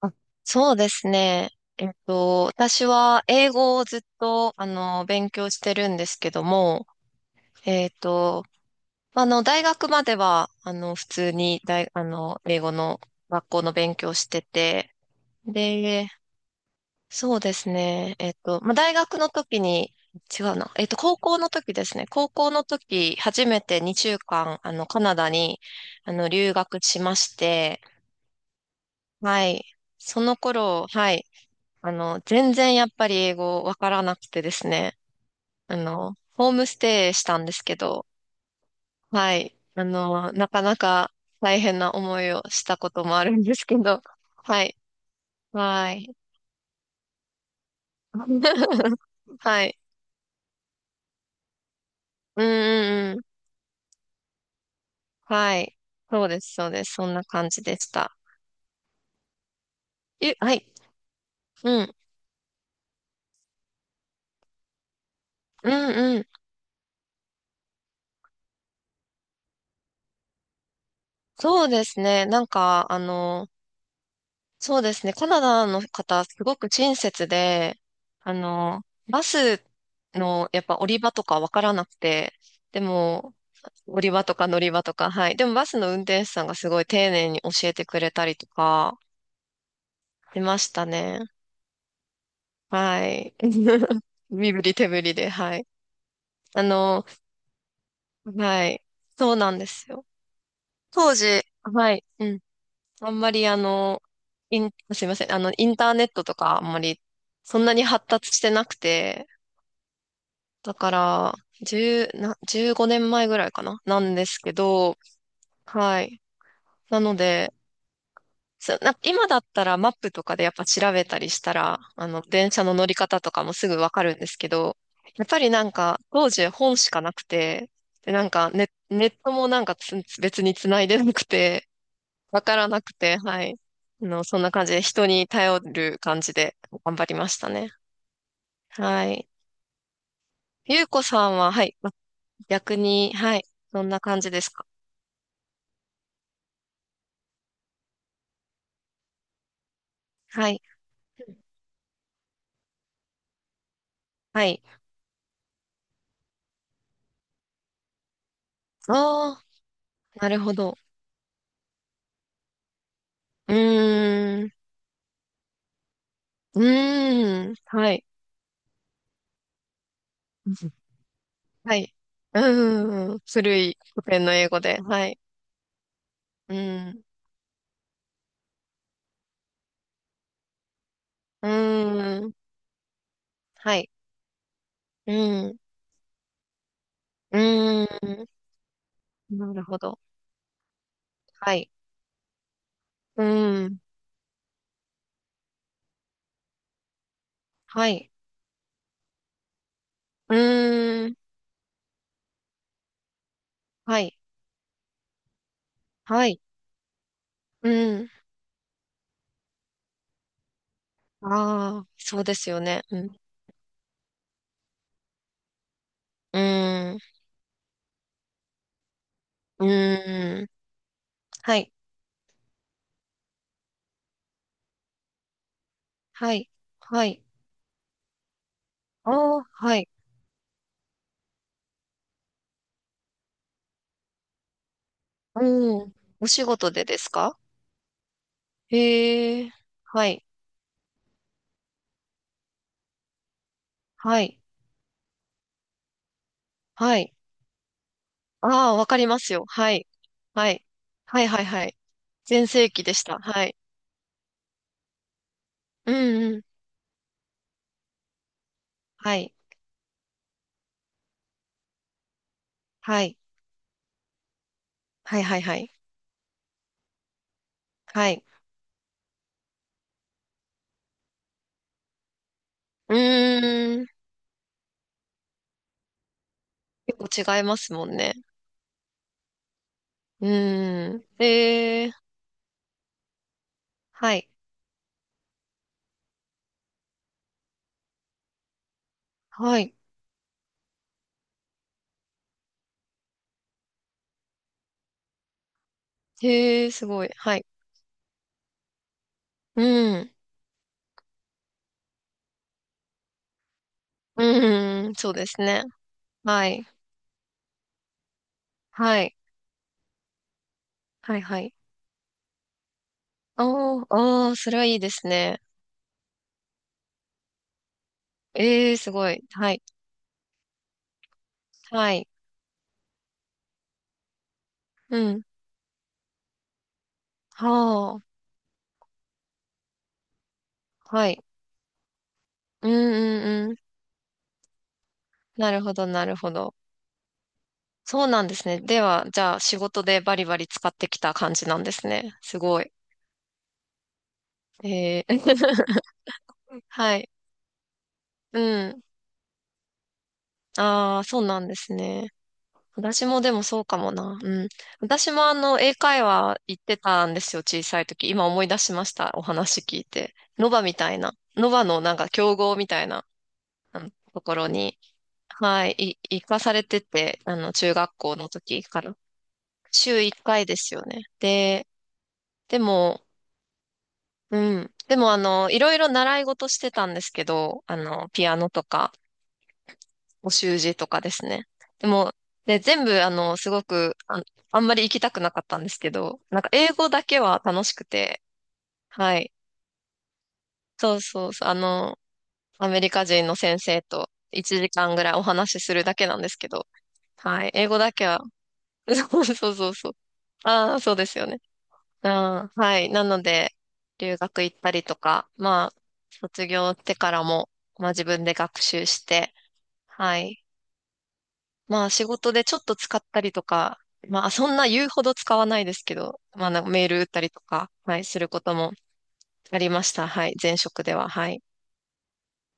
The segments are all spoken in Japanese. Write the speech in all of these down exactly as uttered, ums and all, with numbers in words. あそうですね。えっと、私は英語をずっと、あの、勉強してるんですけども、えっと、あの、大学までは、あの、普通に大、あの、英語の学校の勉強してて、で、そうですね。えっと、まあ、大学の時に、違うな。えっと、高校の時ですね。高校の時、初めてにしゅうかん、あの、カナダに、あの、留学しまして、はい。その頃、はい。あの、全然やっぱり英語わからなくてですね。あの、ホームステイしたんですけど、はい。あの、なかなか大変な思いをしたこともあるんですけど、はい。はい。はい。うんうんうん。はい。そうです、そうです。そんな感じでした。え、はい。うん。うんうん。そうですね。なんか、あの、そうですね。カナダの方、すごく親切で、あの、バスの、やっぱ降り場とかわからなくて、でも、降り場とか乗り場とか、はい。でもバスの運転手さんがすごい丁寧に教えてくれたりとか、出ましたね。はい。身振り手振りで、はい。あの、はい。そうなんですよ。当時、はい。うん。あんまりあの、イン、すいません。あの、インターネットとかあんまりそんなに発達してなくて、だから、1な、じゅうごねんまえぐらいかななんですけど、はい。なので、そな今だったらマップとかでやっぱ調べたりしたら、あの、電車の乗り方とかもすぐわかるんですけど、やっぱりなんか、当時本しかなくて、で、なんかネ、ネットもなんかつ別に繋いでなくて、わからなくて、はい。あの、そんな感じで人に頼る感じで頑張りましたね。はい。ゆうこさんは、はい。ま逆に、はい。どんな感じですか？はい、はい。ああ、なるほど。うーん、うーん、はい。うん。はい。うーん、古い古典の英語で。はい。うーん、うーん、はい。うーん、うーん、なるほど。はい。うーん、はい。うーん、はい。はい。うーん、ああ、そうですよね。うん、うーん、うーん、はい。はい。はい。ああ、はい。うーん、お仕事でですか？へえ、はい、はい、はい。ああ、わかりますよ。はい、はい、はい、はい、はい。全盛期でした。はい。うんうん。はい、はい、はい、はい、はい。はい。うーん。結構違いますもんね。うーん。へえ、はい、はい。へえ、すごい。はい。うん。うーん、そうですね。はい、はい、はい、はい。ああ、ああ、それはいいですね。ええ、すごい。はい、はい。うん。はあ、はい。うんうんうん。なるほど、なるほど。そうなんですね。では、じゃあ、仕事でバリバリ使ってきた感じなんですね。すごい。えー はい。うん。ああ、そうなんですね。私もでもそうかもな。うん。私もあの、英会話行ってたんですよ、小さい時。今思い出しました。お話聞いて。ノバみたいな。ノバのなんか競合みたいな、あのところに、はい、い、行かされてて、あの、中学校の時から。週いっかいですよね。で、でも、うん。でも、あの、いろいろ習い事してたんですけど、あの、ピアノとか、お習字とかですね。でも、で、全部、あの、すごく、あ、あんまり行きたくなかったんですけど、なんか、英語だけは楽しくて、はい。そうそうそう、あの、アメリカ人の先生といちじかんぐらいお話しするだけなんですけど、はい。英語だけは、そうそうそうそう。ああ、そうですよね。あー、はい。なので、留学行ったりとか、まあ、卒業してからも、まあ自分で学習して、はい。まあ仕事でちょっと使ったりとか、まあそんな言うほど使わないですけど、まあなんかメール打ったりとか、はい、することもありました。はい。前職では、はい。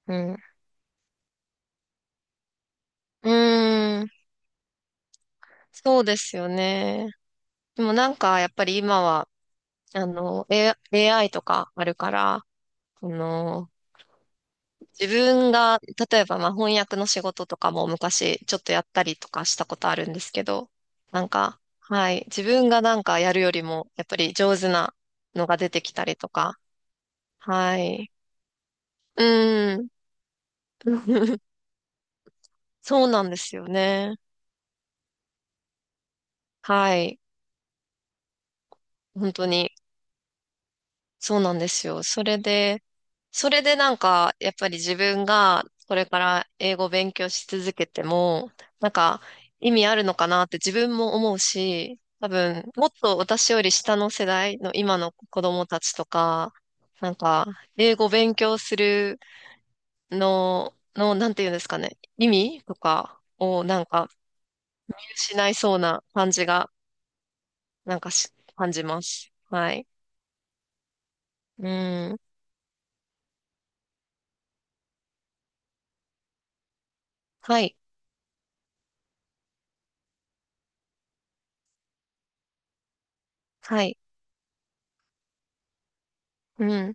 うん。うーん、そうですよね。でもなんか、やっぱり今は、あの、A- エーアイ とかあるから、あの、自分が、例えばまあ翻訳の仕事とかも昔ちょっとやったりとかしたことあるんですけど、なんか、はい、自分がなんかやるよりも、やっぱり上手なのが出てきたりとか、はい。うん。そうなんですよね。はい。本当に、そうなんですよ。それで、それでなんか、やっぱり自分がこれから英語を勉強し続けても、なんか意味あるのかなって自分も思うし、多分、もっと私より下の世代の今の子供たちとか、なんか、英語勉強するの、の、なんていうんですかね、意味とかをなんか見失いそうな感じが、なんかし、感じます。はい。うん。はい。はい。うん。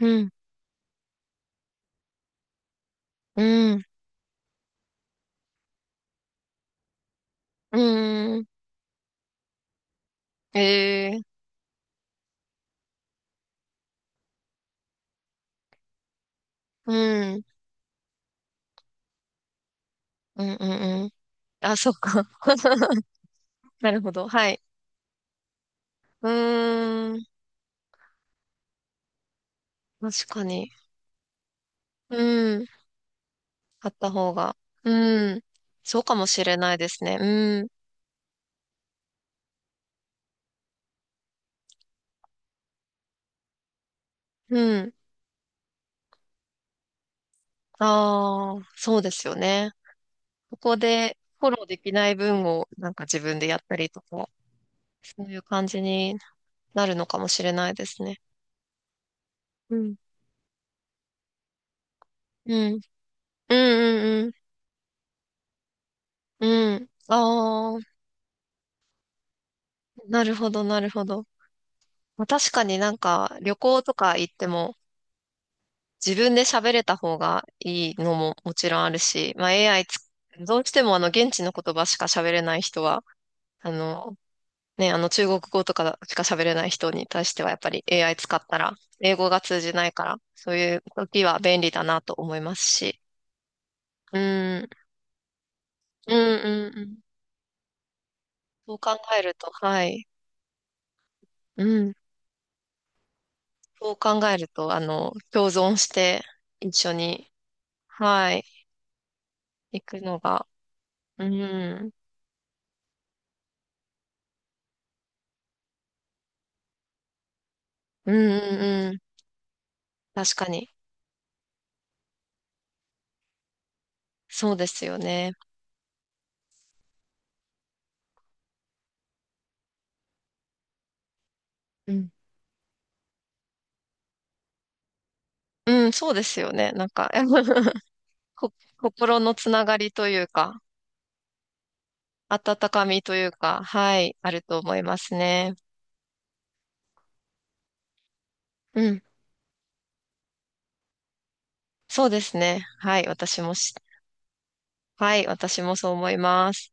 うん。うん。うん。ええ。うん、うん、うん、うん。あ、そっか。なるほど。はい。うーん、確かに。うん、あった方が。うん、そうかもしれないですね。うん、うん。ああ、そうですよね。ここでフォローできない分をなんか自分でやったりとか、そういう感じになるのかもしれないですね。うん、うん、うん、うん、うん。うん。ああ、なるほど、なるほど。まあ確かになんか旅行とか行っても自分で喋れた方がいいのももちろんあるし、まあ エーアイ つ、どうしてもあの現地の言葉しか喋れない人は、あのね、あの中国語とかしか喋れない人に対してはやっぱり エーアイ 使ったら英語が通じないから、そういう時は便利だなと思いますし。うん、うん、うん、うん。そう考えると、はい。うん。そう考えると、あの、共存して一緒に、はい、行くのが、うん。うんうんうん。確かに。そうですよね。うん。うん、そうですよね。なんか、こ、心のつながりというか、温かみというか、はい、あると思いますね。うん。そうですね。はい、私もし、はい、私もそう思います。